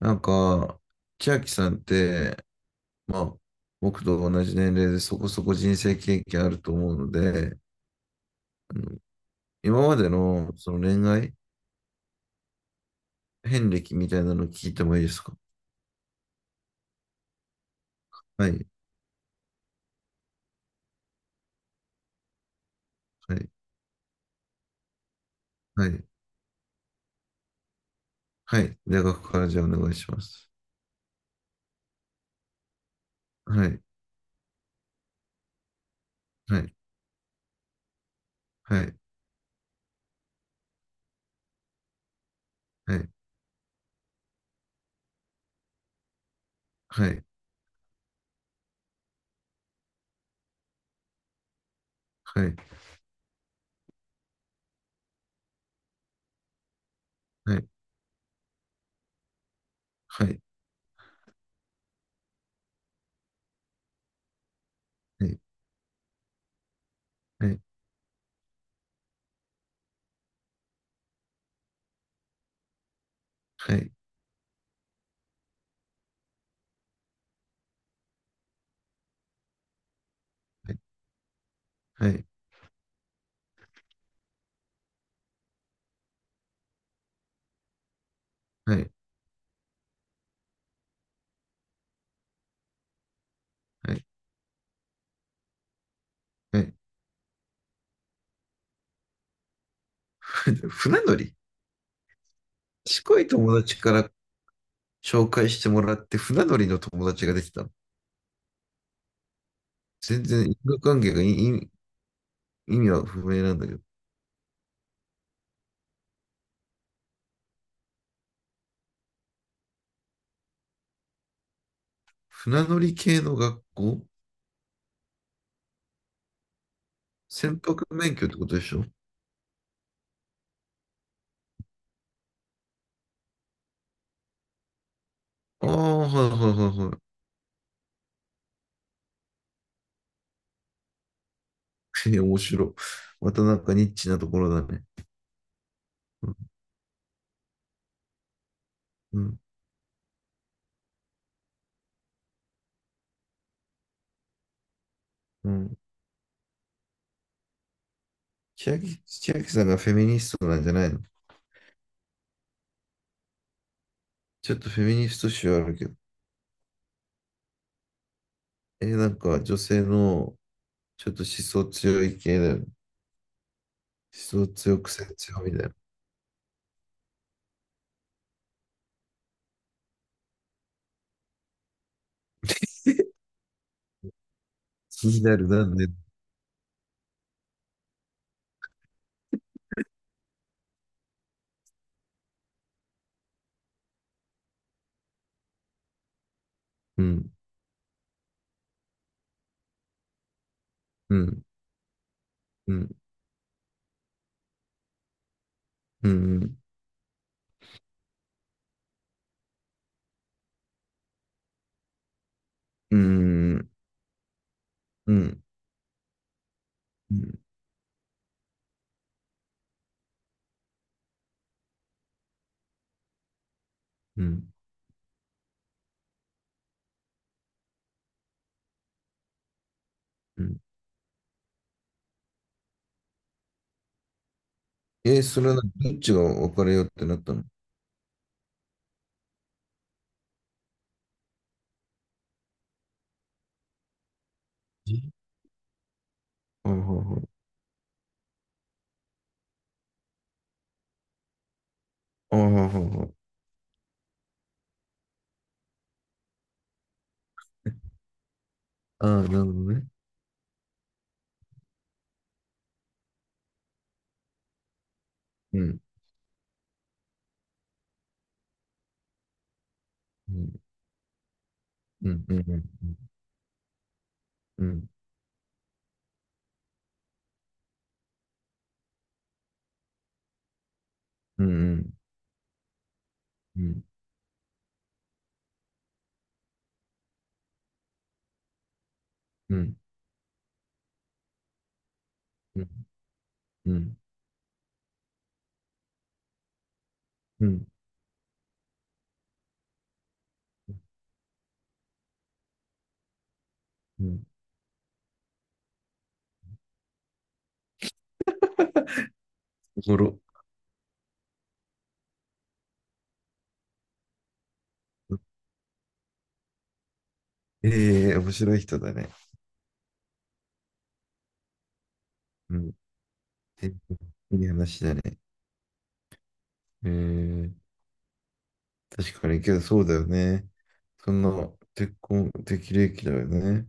なんか、千秋さんって、まあ、僕と同じ年齢でそこそこ人生経験あると思うので、あの今までのその恋愛遍歴みたいなの聞いてもいいですか？はい、はい、はい、はい。大学からじゃあお願いします。はい、はい、はい、はい、はい、はい、はい、はい、はい、はい、はい、はい、はい、はい、はい。はい。 船乗り。賢い友達から紹介してもらって船乗りの友達ができたの？全然因果関係がいい意味は不明なんだけど。船乗り系の学校。船舶免許ってことでしょ？ああ、はいはいはいはい。え、面白い。またなんかニッチなところだね。うん、うん。うん。千秋さんがフェミニストなんじゃないの？ちょっとフェミニスト臭あるけど。え、なんか女性のちょっと思想強い系だよね。思想強く性強みたいな。気になるな、ね。うん、うん、うん、うん、うん、うん、うん、うん、うん。うん。それはどっちが別れようってなったの？えあはは。あははは。ああ、なるほどね。うん。うん。うん。うん。うん。うん。うん。うん。うん。うん。うん。うん。おもろ。ええ、面白い人だね。うん。え、いい話だね。ええ、確かに、けどそうだよね。そんな、結婚適齢期だよね。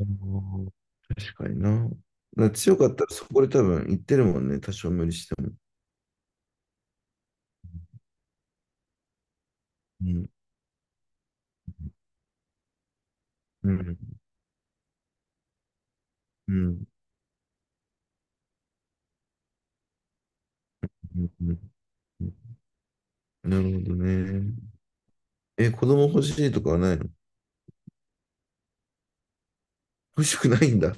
うん。確かにな。な強かったらそこで多分言ってるもんね。多少無理しても。うん。うん、うん、うん、うん。うん。なるほどね。え、子供欲しいとかはないの？欲しくないんだ。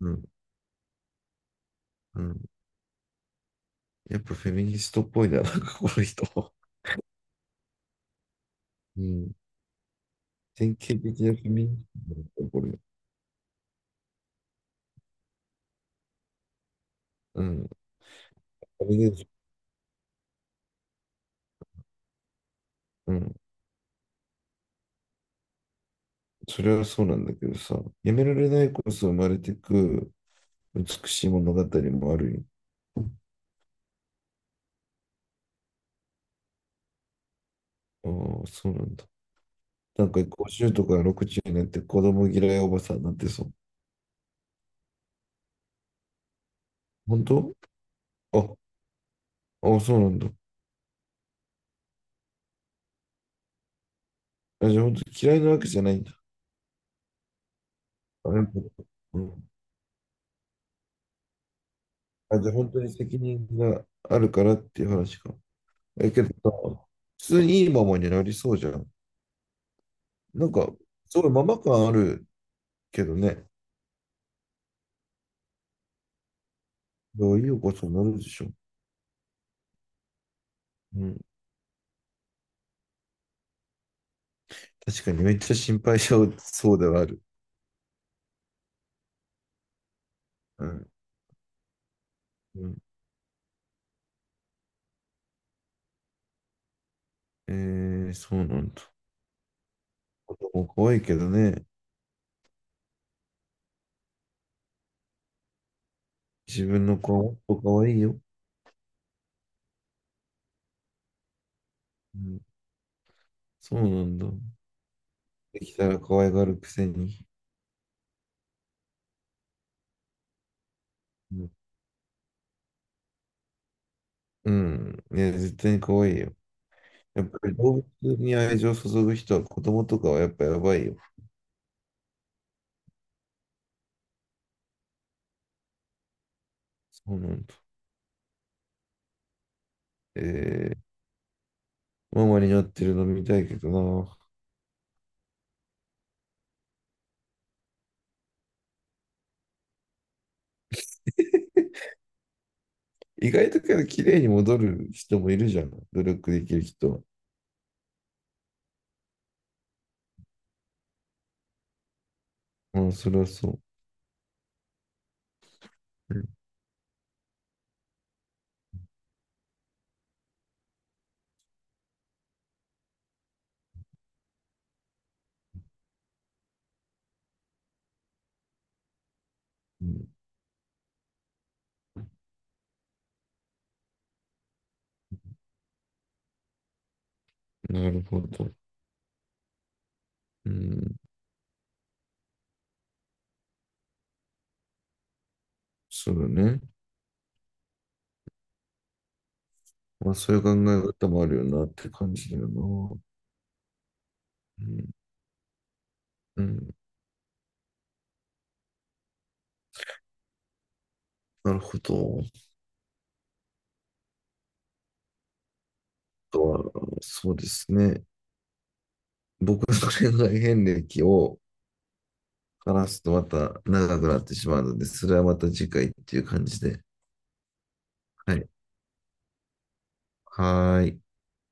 うん、うん。やっぱフェミニストっぽいな、なんかこの人。うん。典型的なフェミニストなんだ、これ。うん。あれで、うん。それはそうなんだけどさ、やめられないこそ生まれてく美しい物語もあるよ。ああ、そうなんだ。なんか50とか60になって子供嫌いおばさんになってそう。本当？あ、あ、そうなんだ。あ、じゃあ本当に嫌いなわけじゃないんだ。あ、やっぱ。うん。あ、じゃあ本当に責任があるからっていう話か。え、けどさ、普通にいいママになりそうじゃん。なんか、すごいママ感あるけどね。どういうことになるでしょう。うん。確かにめっちゃ心配しちゃうそうではある。うん。うん、そうなんだ。子供可愛いけどね。自分の子はもっと可愛いよ。うん。そうなんだ。できたら可愛がるくせに。うん。うん。いや、絶対に可愛いよ。やっぱり動物に愛情を注ぐ人は子供とかはやっぱやばいよ。そうなんだ。えママになってるの見たいけどな。意外とけど綺麗に戻る人もいるじゃん。努力できる人は。まあ、それはそう。うん。うん。なるほど。うん、そうだね。まあ、そういう考え方もあるよなって感じだよな。うん、うん、なるほど。あとは、そうですね。僕の恋愛遍歴を話すとまた長くなってしまうので、それはまた次回っていう感じで。はい。はーい。